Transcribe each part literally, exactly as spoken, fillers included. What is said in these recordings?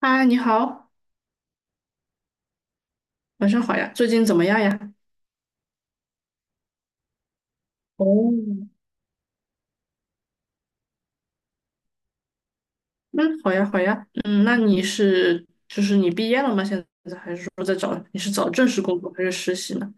嗨，你好，晚上好呀，最近怎么样呀？哦，嗯，好呀，好呀，嗯，那你是就是你毕业了吗？现在还是说在找你是找正式工作还是实习呢？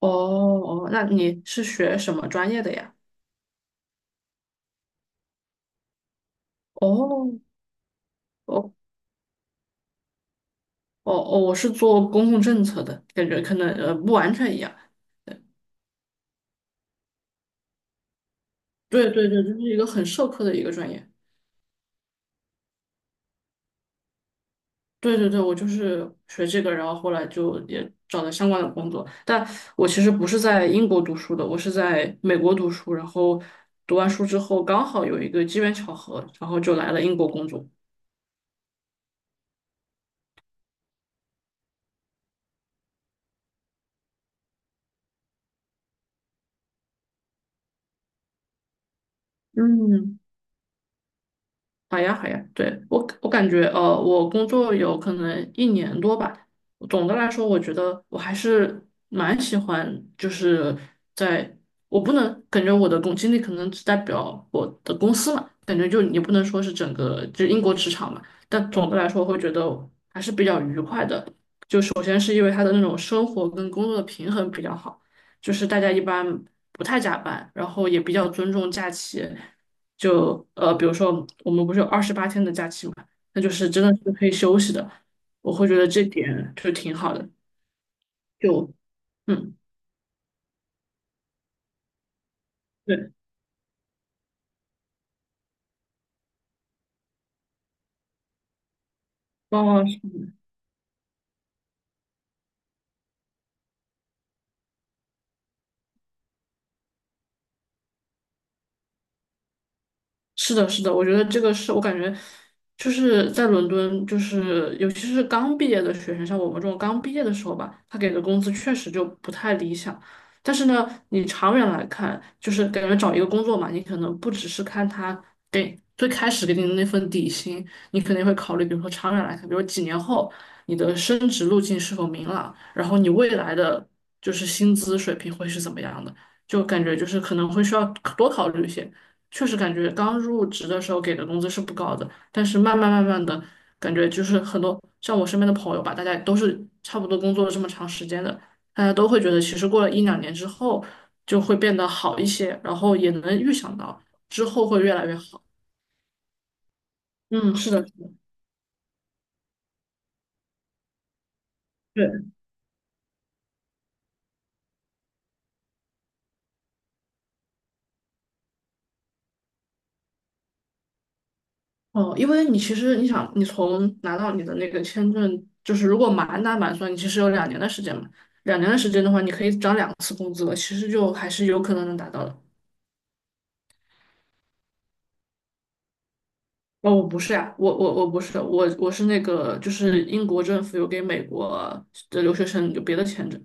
哦哦，那你是学什么专业的呀？哦哦哦哦，我是做公共政策的，感觉可能呃不完全一样。对对对，就是一个很社科的一个专业。对对对，我就是学这个，然后后来就也找了相关的工作。但我其实不是在英国读书的，我是在美国读书，然后读完书之后刚好有一个机缘巧合，然后就来了英国工作。嗯，好呀，好呀，对，我我感觉，呃，我工作有可能一年多吧。总的来说，我觉得我还是蛮喜欢，就是在我不能感觉我的工经历可能只代表我的公司嘛，感觉就也不能说是整个就英国职场嘛。但总的来说，我会觉得还是比较愉快的。就首先是因为他的那种生活跟工作的平衡比较好，就是大家一般不太加班，然后也比较尊重假期。就呃，比如说我们不是有二十八天的假期嘛，那就是真的是可以休息的，我会觉得这点就挺好的，就嗯，对，往往是。是的，是的，我觉得这个是我感觉就是在伦敦，就是尤其是刚毕业的学生，像我们这种刚毕业的时候吧，他给的工资确实就不太理想。但是呢，你长远来看，就是感觉找一个工作嘛，你可能不只是看他给最开始给你的那份底薪，你肯定会考虑，比如说长远来看，比如几年后你的升职路径是否明朗，然后你未来的就是薪资水平会是怎么样的。就感觉就是可能会需要多考虑一些。确实感觉刚入职的时候给的工资是不高的，但是慢慢慢慢的感觉就是很多像我身边的朋友吧，大家都是差不多工作了这么长时间的，大家都会觉得其实过了一两年之后就会变得好一些，然后也能预想到之后会越来越好。嗯，是的，是的对，哦，因为你其实你想，你从拿到你的那个签证，就是如果满打满算，你其实有两年的时间嘛，两年的时间的话，你可以涨两次工资了，其实就还是有可能能达到的。哦，我不是呀、我我我不是，我我是那个，就是英国政府有给美国的留学生有别的签证。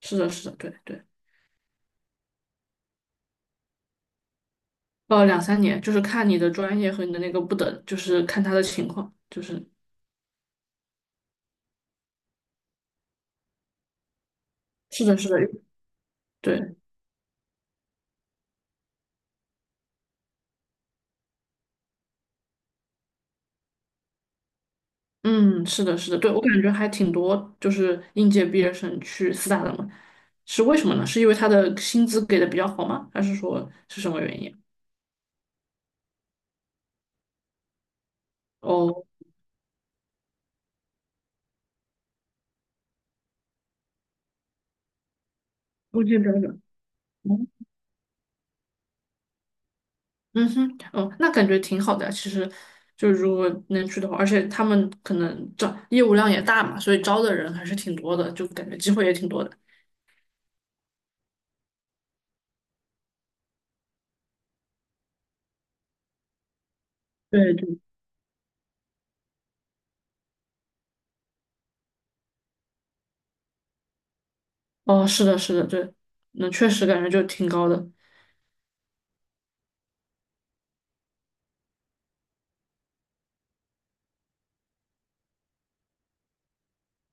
是的，是的，对对，呃，两三年，就是看你的专业和你的那个不等，就是看他的情况，就是是的，是的，对，嗯，是的，是的，对，我感觉还挺多，就是应届毕业生去四大的嘛，是为什么呢？是因为他的薪资给的比较好吗？还是说是什么原因？哦，中间标准。嗯哼，哦，那感觉挺好的啊。其实，就如果能去的话，而且他们可能招业务量也大嘛，所以招的人还是挺多的，就感觉机会也挺多的。对对，哦，是的，是的，对，那确实感觉就挺高的。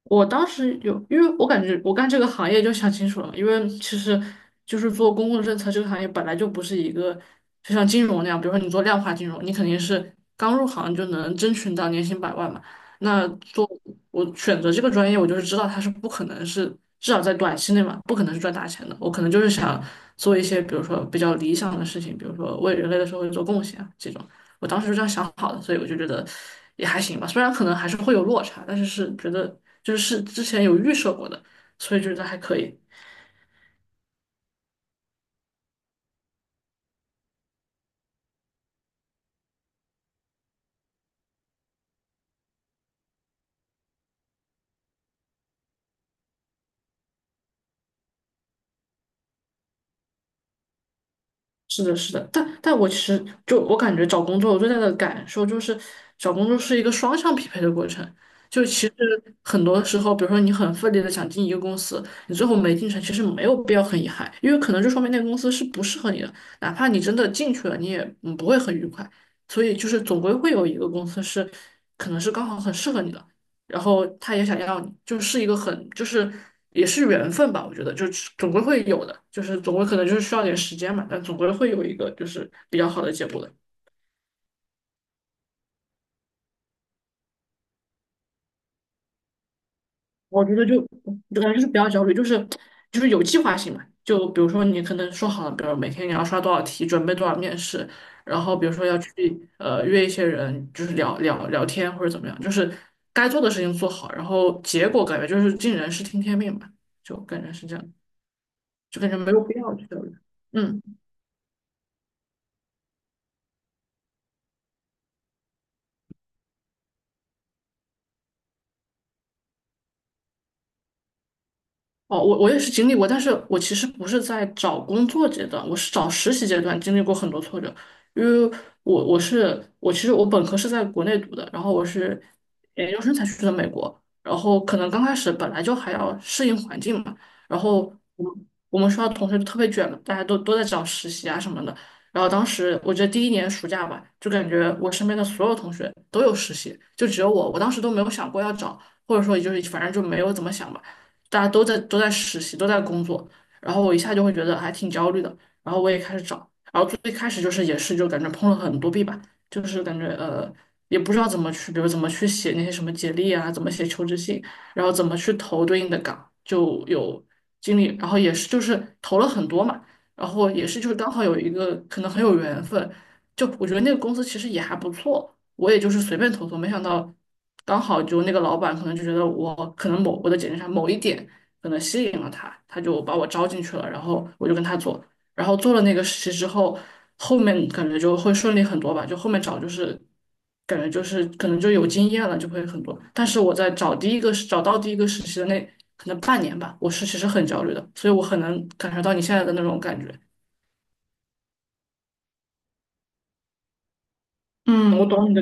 我当时有，因为我感觉我干这个行业就想清楚了，因为其实就是做公共政策这个行业本来就不是一个就像金融那样，比如说你做量化金融，你肯定是刚入行就能争取到年薪百万嘛。那做我选择这个专业，我就是知道它是不可能是至少在短期内嘛，不可能是赚大钱的。我可能就是想做一些比如说比较理想的事情，比如说为人类的社会做贡献啊这种。我当时就这样想好的，所以我就觉得也还行吧。虽然可能还是会有落差，但是是觉得就是是之前有预设过的，所以觉得还可以。是的，是的，但但我其实就我感觉找工作，我最大的感受就是找工作是一个双向匹配的过程。就其实很多时候，比如说你很奋力的想进一个公司，你最后没进成，其实没有必要很遗憾，因为可能就说明那个公司是不适合你的，哪怕你真的进去了，你也嗯不会很愉快。所以就是总归会有一个公司是可能是刚好很适合你的，然后他也想要你，就是一个很就是也是缘分吧，我觉得就是总归会有的，就是总归可能就是需要点时间嘛，但总归会有一个就是比较好的结果的。我觉得就就感觉就是不要焦虑，就是就是有计划性嘛。就比如说你可能说好了，比如每天你要刷多少题，准备多少面试，然后比如说要去呃约一些人，就是聊聊聊天或者怎么样，就是该做的事情做好，然后结果感觉就是尽人事听天命吧，就感觉是这样，就感觉没有必要去焦虑。嗯。哦，我我也是经历过，但是我其实不是在找工作阶段，我是找实习阶段经历过很多挫折，因为我我是我其实我本科是在国内读的，然后我是研究生才去的美国，然后可能刚开始本来就还要适应环境嘛，然后我们我们学校同学就特别卷嘛，大家都都在找实习啊什么的，然后当时我觉得第一年暑假吧，就感觉我身边的所有同学都有实习，就只有我，我当时都没有想过要找，或者说也就是反正就没有怎么想吧。大家都在都在实习，都在工作，然后我一下就会觉得还挺焦虑的，然后我也开始找，然后最开始就是也是就感觉碰了很多壁吧，就是感觉呃也不知道怎么去，比如怎么去写那些什么简历啊，怎么写求职信，然后怎么去投对应的岗，就有经历，然后也是就是投了很多嘛，然后也是就是刚好有一个可能很有缘分，就我觉得那个公司其实也还不错。我也就是随便投投，没想到刚好就那个老板可能就觉得我可能某我的简历上某一点可能吸引了他，他就把我招进去了，然后我就跟他做，然后做了那个实习之后，后面感觉就会顺利很多吧，就后面找就是感觉就是可能就有经验了，就会很多。但是我在找第一个找到第一个实习的那可能半年吧，我是其实很焦虑的，所以我很能感受到你现在的那种感觉。嗯，我懂。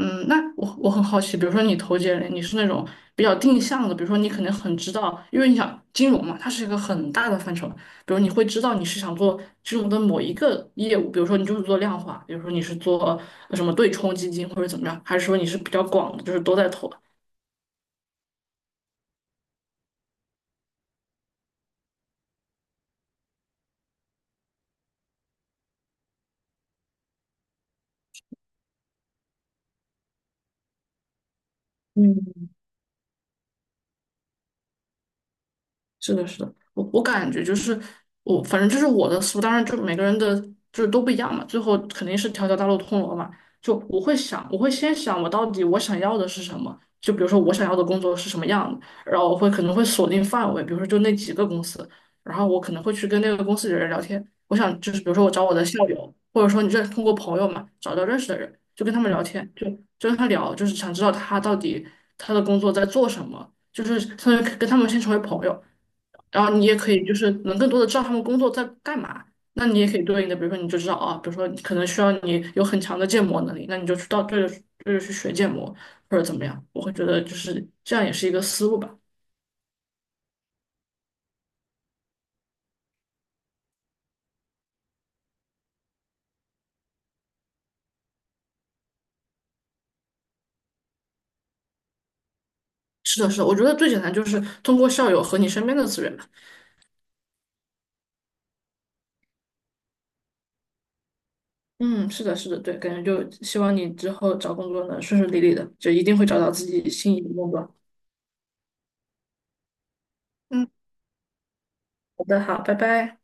嗯，那我我很好奇，比如说你投简历，你是那种比较定向的，比如说你可能很知道，因为你想金融嘛，它是一个很大的范畴，比如你会知道你是想做金融的某一个业务，比如说你就是做量化，比如说你是做呃什么对冲基金或者怎么样，还是说你是比较广的，就是都在投？嗯。是的，是的，我我感觉就是我，反正就是我的思路，当然就每个人的就是都不一样嘛，最后肯定是条条大路通罗马。就我会想，我会先想我到底我想要的是什么，就比如说我想要的工作是什么样的，然后我会可能会锁定范围，比如说就那几个公司，然后我可能会去跟那个公司的人聊天，我想就是比如说我找我的校友，或者说你这通过朋友嘛找到认识的人，就跟他们聊天，就就跟他聊，就是想知道他到底他的工作在做什么，就是相当于跟他们先成为朋友。然后你也可以就是能更多的知道他们工作在干嘛。那你也可以对应的，比如说你就知道啊，比如说你可能需要你有很强的建模能力，那你就去到对着对着去学建模或者怎么样。我会觉得就是这样也是一个思路吧。是的，是的，我觉得最简单就是通过校友和你身边的资源吧。嗯，是的，是的，对，感觉就希望你之后找工作能顺顺利利的，就一定会找到自己心仪的工作。嗯，好的，好，拜拜。